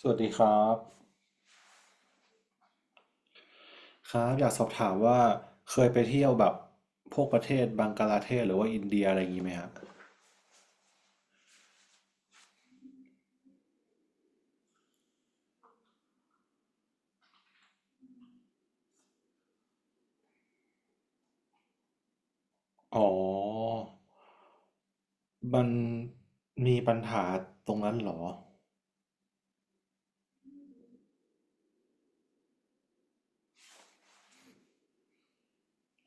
สวัสดีครับครับอยากสอบถามว่าเคยไปเที่ยวแบบพวกประเทศบังกลาเทศหรือว่าอินเดียอะไรอย่างนี้ไหมฮะอ๋อมันมีปัญหาตรงนั้นเหรอ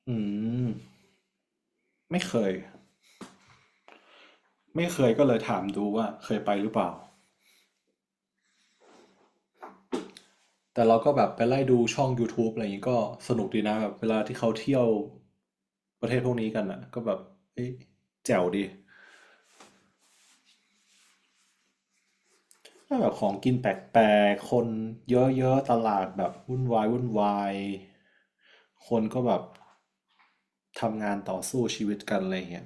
อืมไม่เคยไม่เคยก็เลยถามดูว่าเคยไปหรือเปล่าแต่เราก็แบบไปไล่ดูช่อง YouTube อะไรอย่างนี้ก็สนุกดีนะแบบเวลาที่เขาเที่ยวประเทศพวกนี้กันอ่ะก็แบบเอ๊ะแจ๋วดี ก็แบบของกินแปลกๆ คนเยอะๆ ตลาดแบบวุ่นวายวุ่นวายคนก็แบบทำงานต่อสู้ชีวิตกันอะไรเงี้ย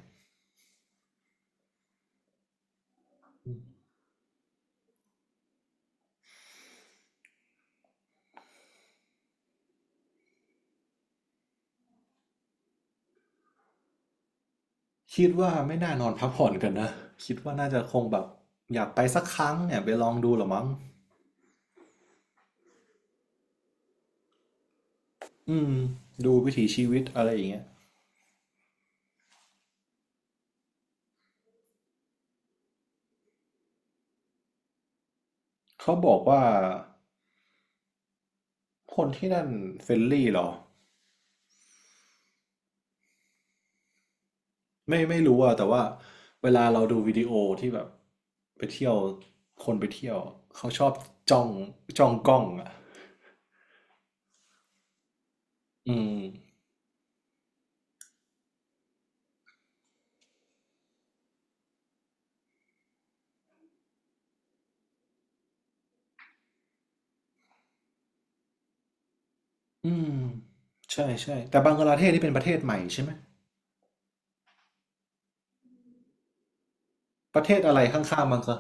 คิดว่าไม่น่านอนพักผ่อนกันนะคิดว่าน่าจะคงแบบอยากไปสักครั้งเนี่ยไปลองดูเหรอมั้งอืมดูวิถีชีวิตอะไรอย่างเงี้ยเขาบอกว่าคนที่นั่นเฟรนลี่เหรอ ไม่รู้อะแต่ว่าเวลาเราดูวิดีโอที่แบบไปเที่ยวคนไปเที่ยวเขาชอบจ้องจ้องกล้องอะอืมอืมใช่ใช่แต่บังกลาเทศนี่เป็นประเทศใหม่ใช่ไหมประเทศอะไรข้างๆบังกลา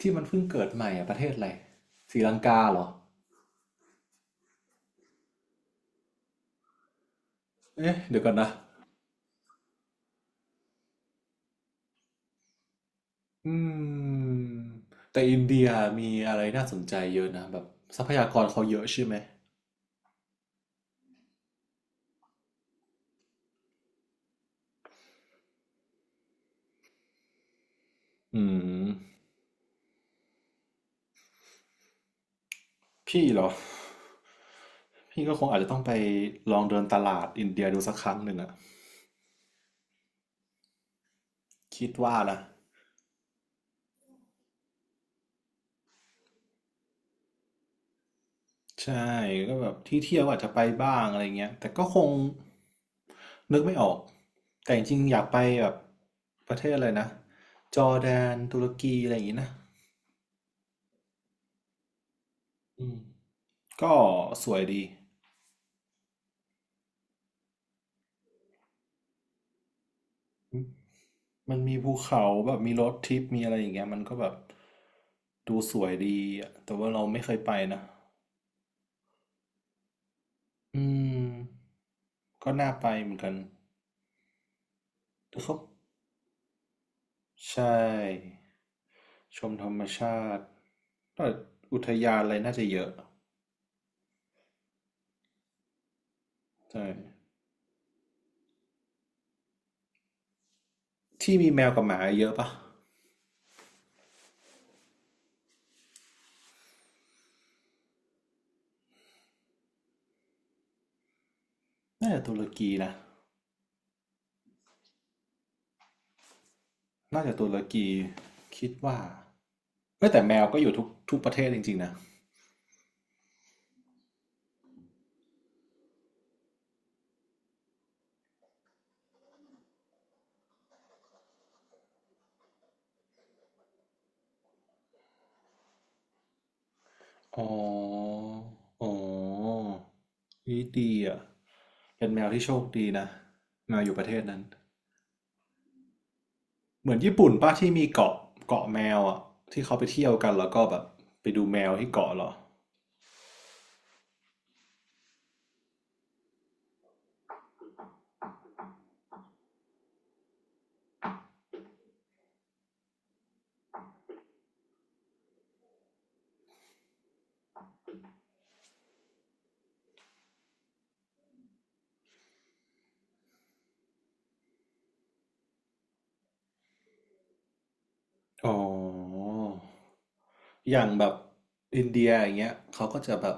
ที่มันเพิ่งเกิดใหม่อะประเทศอะไรศรีลังกาเหรอเอ๊ะเดี๋ยวก่อนนะอืมแต่อินเดียมีอะไรน่าสนใจเยอะนะแบบทรัพยากรเขาเยอะใช่ไหมอืมพี่เหรอ พี่ก็คงอาจจะต้องไปลองเดินตลาดอินเดียดูสักครั้งหนึ่งอะคิดว่านะใช่ก็แบบที่เที่ยวอาจจะไปบ้างอะไรเงี้ยแต่ก็คงนึกไม่ออกแต่จริงๆอยากไปแบบประเทศอะไรนะจอร์แดนตุรกีอะไรอย่างงี้นะอืมก็สวยดีมันมีภูเขาแบบมีรถทริปมีอะไรอย่างเงี้ยมันก็แบบดูสวยดีอะแต่ว่าเราไม่เคยไปนะอืมก็น่าไปเหมือนกันแต่เขา ใช่ชมธรรมชาติก็อุทยานอะไรน่าจะเยอะใช่ที่มีแมวกับหมาเยอะปะน่าจะตุรกีนะน่าจะตุรกีคิดว่าเอ้ยแต่แมวก็อยู่ทุกประเทศจริงๆนะอ๋ออ๋อนี่ดีอ่ะเป็นแมวที่โชคดีนะแมวอยู่ประเทศนั้นเหมือนญี่ปุ่นป้าที่มีเกาะเกาะแมวอ่ะที่เขาไปเที่ยวกันแล้วก็แบบไปดูแมวที่เกาะเหรออ๋อ อย่างแบบอินเดียอย่างเงี้ยเขาก็จะแบบ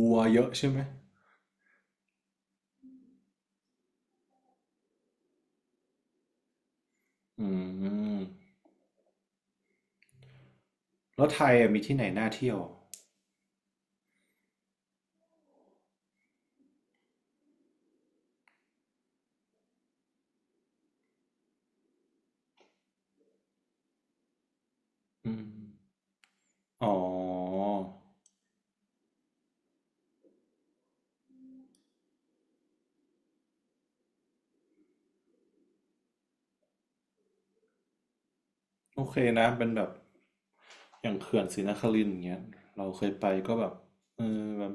วัวเยอะใช่ไหมอืมแล้วไทยอะมีที่ไหนน่าเที่ยวอืมอ๋อโอเคนะเป็นแบบอย่างเขื่อนศรีนครินทร์อย่างเงี้ยเราเคยไปก็แบบเออแบบ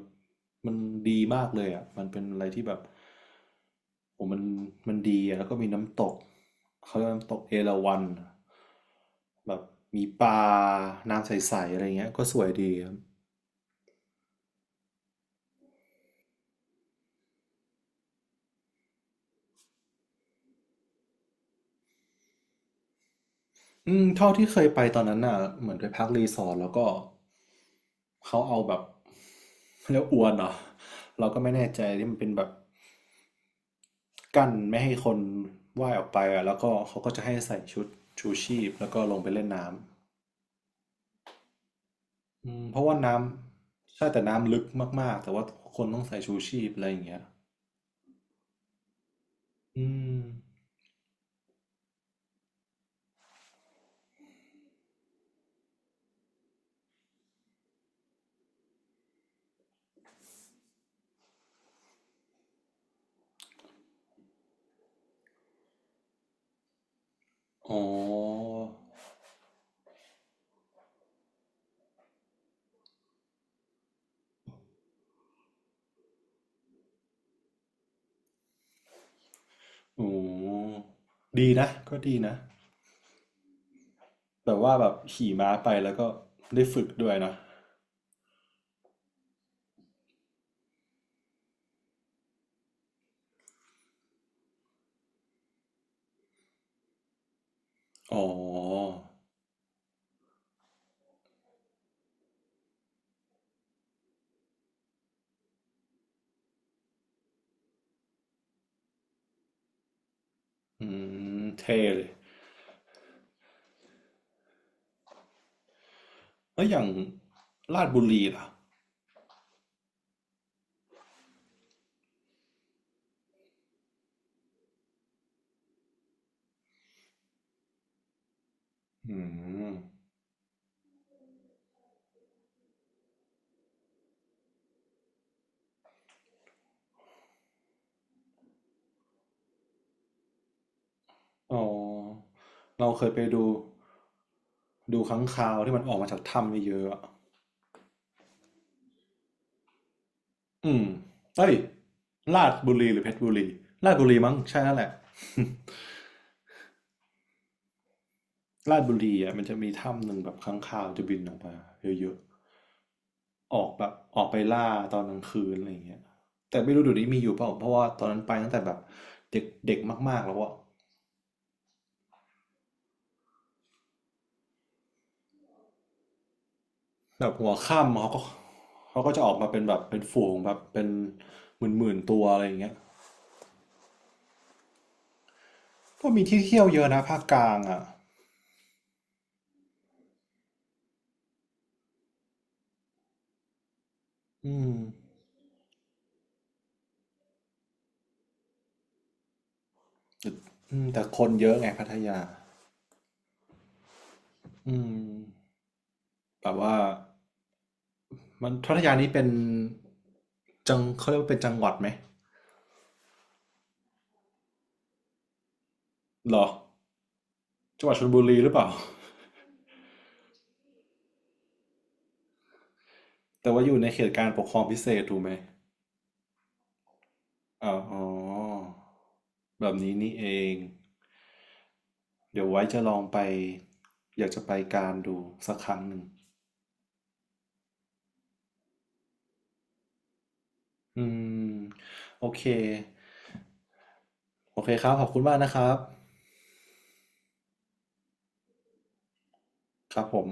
มันดีมากเลยอ่ะมันเป็นอะไรที่แบบโอ้มันดีอ่ะแล้วก็มีน้ำตกเขาเรียกว่าน้ำตกเอราวัณแบบมีปลาน้ำใสๆอะไรเงี้ยก็สวยดีครับ อืมเท่าที่เคยไปตอนนั้นน่ะเหมือนไปพักรีสอร์ทแล้วก็เขาเอาแบบเรียกอวนเหรอเราก็ไม่แน่ใจที่มันเป็นแบบกั้นไม่ให้คนว่ายออกไปอ่ะแล้วก็เขาก็จะให้ใส่ชุดชูชีพแล้วก็ลงไปเล่นน้ำอืมเพราะว่าน้ำใช่แต่น้ำลึกมากๆแต่ว่าคนต้องใส่ชูชีพอะไรอย่างเงี้ยอืมอ๋อโอ้ดีนะก็ดีนะแบบว่าแบบขี่ม้าไปแล้วก็ได้ฝึกด้วยนะอ๋อ อืมเท่เลยแล้วอย่างราชบุรีล่ะอืมอ๋อเราเคยไปดูดูค้างคาวที่มันออกมาจากถ้ำเยอะๆอะอืมเอ้ยราชบุรีหรือเพชรบุรีราชบุรีมั้งใช่นั่นแหละ ราชบุรีอ่ะมันจะมีถ้ำหนึ่งแบบค้างคาวจะบินออกมาเยอะๆออกแบบออกไปล่าตอนกลางคืนอะไรอย่างเงี้ยแต่ไม่รู้เดี๋ยวนี้มีอยู่เปล่าเพราะว่าตอนนั้นไปตั้งแต่แบบเด็กเด็กมากๆแล้วอะ แบบหัวค่ำเขาก็จะออกมาเป็นแบบเป็นฝูงแบบเป็นหมื่นตัวอะไรอย่างเงี้ยก็มีที่เที่ยวเยอะนะภาคกลางอ่ะอืมอืมแต่คนเยอะไงพัทยาอืมแบบว่ามันพัทยานี้เป็นจังเขาเรียกว่าเป็นจังหวัดไหมหรอจังหวัดชลบุรีหรือเปล่า แต่ว่าอยู่ในเขตการปกครองพิเศษถูกไหมอ๋ออ๋อแบบนี้นี่เองเดี๋ยวไว้จะลองไปอยากจะไปการดูสักครั้งหนึ่ง อืมโอเคโอเคครับขอบคุณมากนะครับครับผม